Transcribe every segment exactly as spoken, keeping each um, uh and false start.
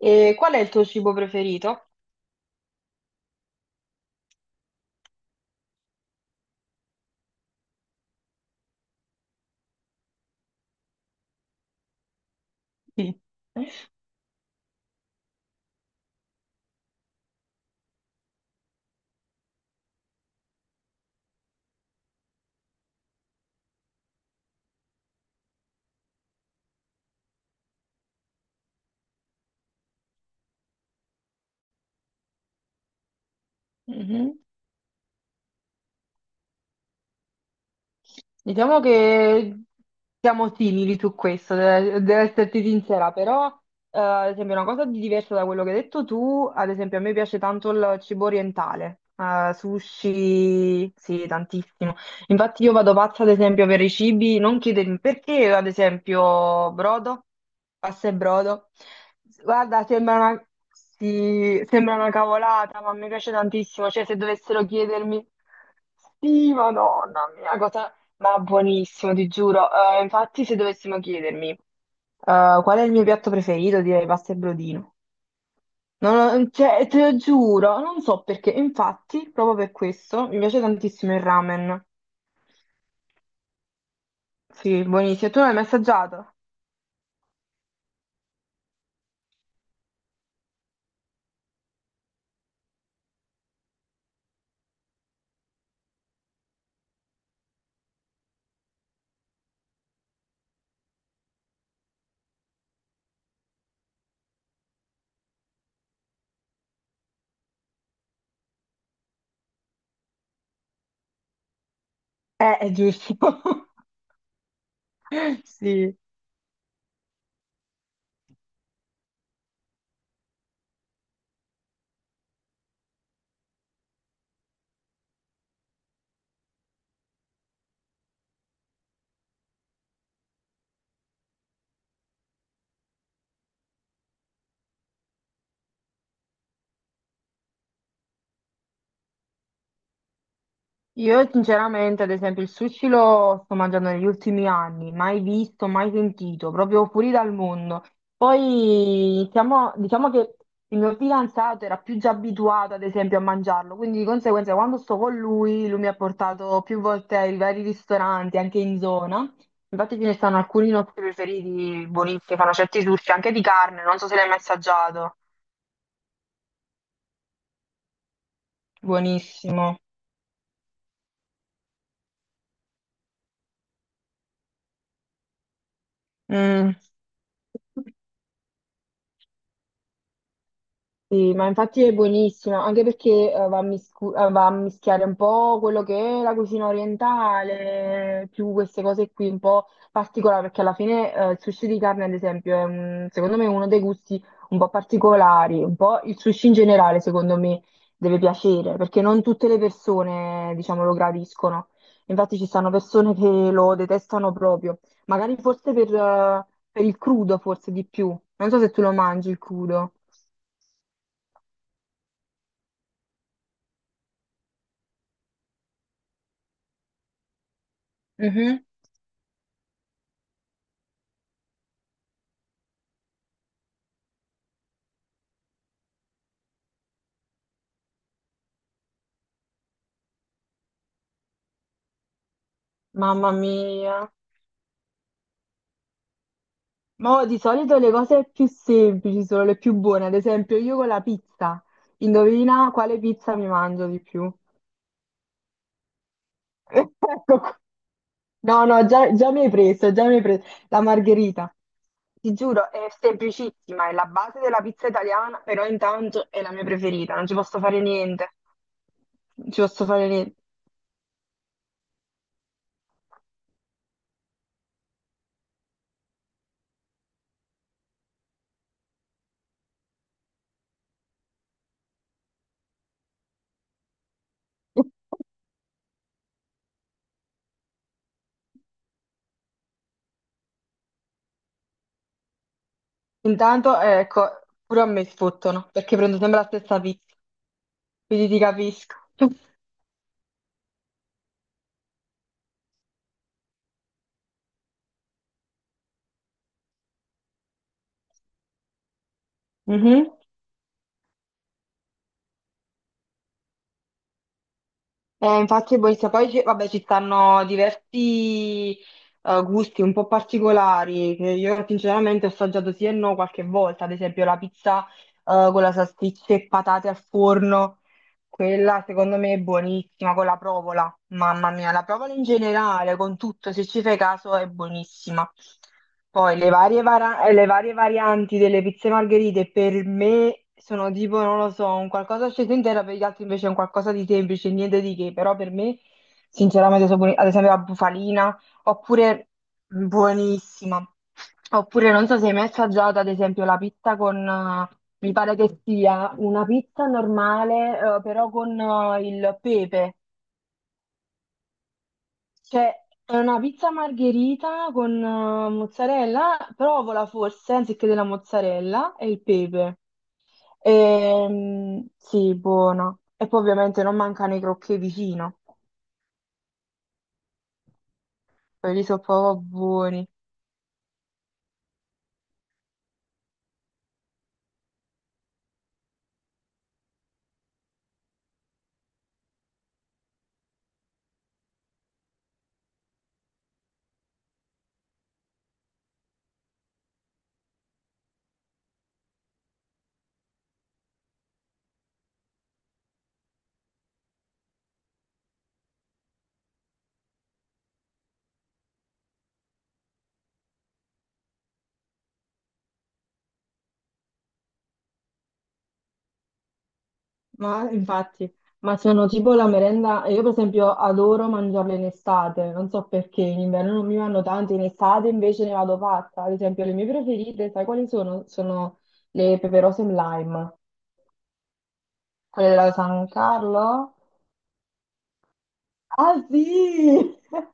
E qual è il tuo cibo preferito? Mm. Mhm. Diciamo che siamo simili su questo, de- devo esserti sincera, però eh, ad esempio una cosa di diversa da quello che hai detto tu, ad esempio a me piace tanto il cibo orientale, eh, sushi, sì, tantissimo. Infatti io vado pazza ad esempio per i cibi, non chiedermi perché ad esempio brodo, pasta e brodo. Guarda, sembra una, sì, sembra una cavolata, ma mi piace tantissimo, cioè se dovessero chiedermi... Sì, madonna mia, cosa, ma buonissimo, ti giuro. Eh, infatti, se dovessimo chiedermi eh, qual è il mio piatto preferito, direi pasta e brodino. Non ho- mm, cioè, te lo giuro, non so perché. Infatti, proprio per questo, mi piace tantissimo il ramen. Sì, buonissimo. Tu non l'hai mai assaggiato? Eh, è giusto. Sì. Io sinceramente, ad esempio, il sushi lo sto mangiando negli ultimi anni, mai visto, mai sentito, proprio fuori dal mondo. Poi diciamo, diciamo che il mio fidanzato era più già abituato, ad esempio, a mangiarlo, quindi di conseguenza quando sto con lui, lui mi ha portato più volte ai vari ristoranti, anche in zona. Infatti ce ne stanno alcuni nostri preferiti, buonissimi, fanno certi sushi, anche di carne, non so se l'hai mai assaggiato. Buonissimo. Mm. Sì, ma infatti è buonissima, anche perché eh, va a, miscu- eh, va a mischiare un po' quello che è la cucina orientale, più queste cose qui un po' particolari, perché alla fine eh, il sushi di carne, ad esempio, è un- secondo me uno dei gusti un po' particolari, un po' il sushi in generale, secondo me, deve piacere, perché non tutte le persone, diciamo, lo gradiscono. Infatti ci stanno persone che lo detestano proprio, magari forse per, eh, per il crudo, forse di più. Non so se tu lo mangi il crudo. Mhm. Mamma mia. Ma di solito le cose più semplici sono le più buone. Ad esempio, io con la pizza. Indovina quale pizza mi mangio di più. Ecco qua. No, no, già, già mi hai preso, già mi hai preso. La margherita. Ti giuro, è semplicissima, è la base della pizza italiana, però intanto è la mia preferita, non ci posso fare niente. Non ci posso fare niente. Intanto, eh, ecco, pure a me sfottono, perché prendo sempre la stessa pizza, quindi ti capisco. Mhm. Eh, infatti il barista, poi ci, vabbè, ci stanno diversi eh, gusti un po' particolari, che io sinceramente ho assaggiato sì e no qualche volta, ad esempio la pizza eh, con la salsiccia e patate al forno, quella secondo me è buonissima con la provola, mamma mia, la provola in generale, con tutto, se ci fai caso, è buonissima. Poi le varie, vara- eh, le varie varianti delle pizze margherite per me sono tipo, non lo so, un qualcosa sceso intero, per gli altri invece è un qualcosa di semplice, niente di che, però per me sinceramente sono buoni, ad esempio la bufalina. Oppure buonissima. Oppure non so se hai mai assaggiato, ad esempio, la pizza con, eh, mi pare che sia una pizza normale, eh, però con eh, il pepe. Cioè, è una pizza margherita con eh, mozzarella, provola forse, anziché della mozzarella, e il pepe. Ehm, sì, buona. E poi ovviamente non mancano i crocchè vicino. Quelli sono proprio buoni. Ma infatti, ma sono tipo la merenda, io per esempio adoro mangiarle in estate, non so perché, in inverno non mi vanno tanto, in estate invece ne vado fatta. Ad esempio le mie preferite, sai quali sono? Sono le peperose in lime, quelle della San Carlo. Ah sì!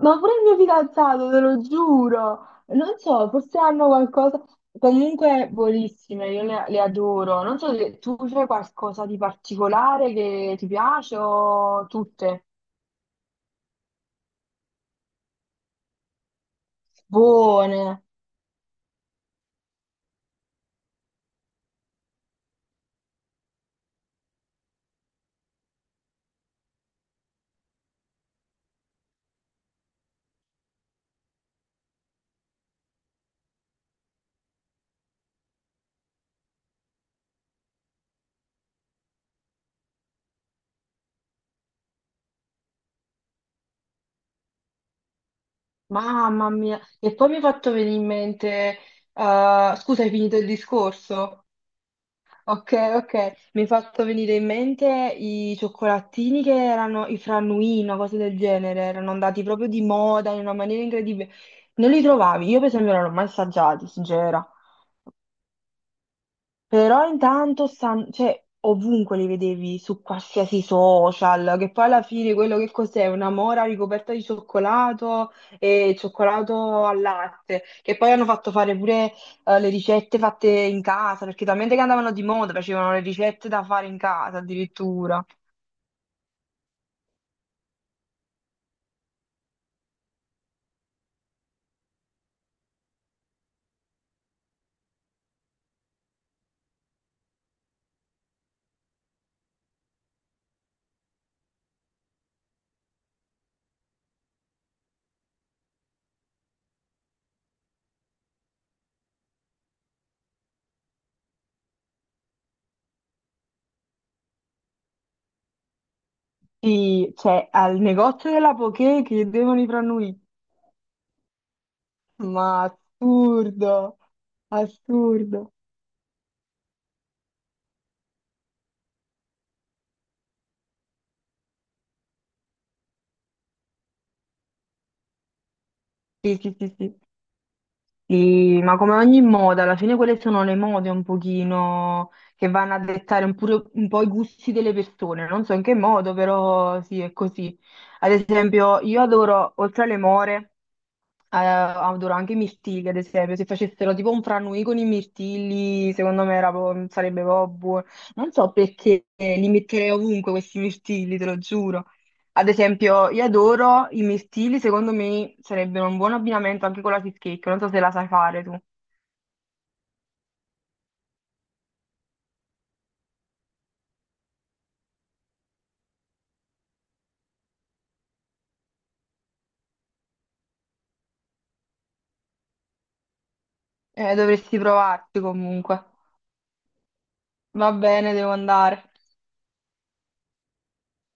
Ma pure il mio fidanzato, te lo giuro. Non so, forse hanno qualcosa. Comunque, buonissime, io le, le adoro. Non so se tu c'è qualcosa di particolare che ti piace o tutte buone. Mamma mia. E poi mi hai fatto venire in mente. Eh, scusa, hai finito il discorso? Ok, ok, mi hai fatto venire in mente i cioccolatini che erano i frannuino, cose del genere, erano andati proprio di moda in una maniera incredibile. Non li trovavi, io per esempio non l'ho mai assaggiati, sincera. Però intanto stan- cioè, ovunque li vedevi su qualsiasi social, che poi alla fine quello che cos'è? Una mora ricoperta di cioccolato e cioccolato al latte, che poi hanno fatto fare pure eh, le ricette fatte in casa, perché talmente che andavano di moda, facevano le ricette da fare in casa addirittura. Sì, cioè al negozio della Poké chiedevano i franui, ma assurdo, assurdo. Sì, sì, sì, sì. Sì, ma come ogni moda, alla fine quelle sono le mode un pochino che vanno a dettare un, pure- un po' i gusti delle persone, non so in che modo, però sì, è così. Ad esempio, io adoro, oltre alle more, eh, adoro anche i mirtilli, ad esempio, se facessero tipo un franui con i mirtilli, secondo me era po- sarebbe proprio buono. Non so perché li metterei ovunque questi mirtilli, te lo giuro. Ad esempio, io adoro i mirtilli, secondo me sarebbero un buon abbinamento anche con la cheesecake, non so se la sai fare tu. Eh, dovresti provarti comunque. Va bene, devo andare.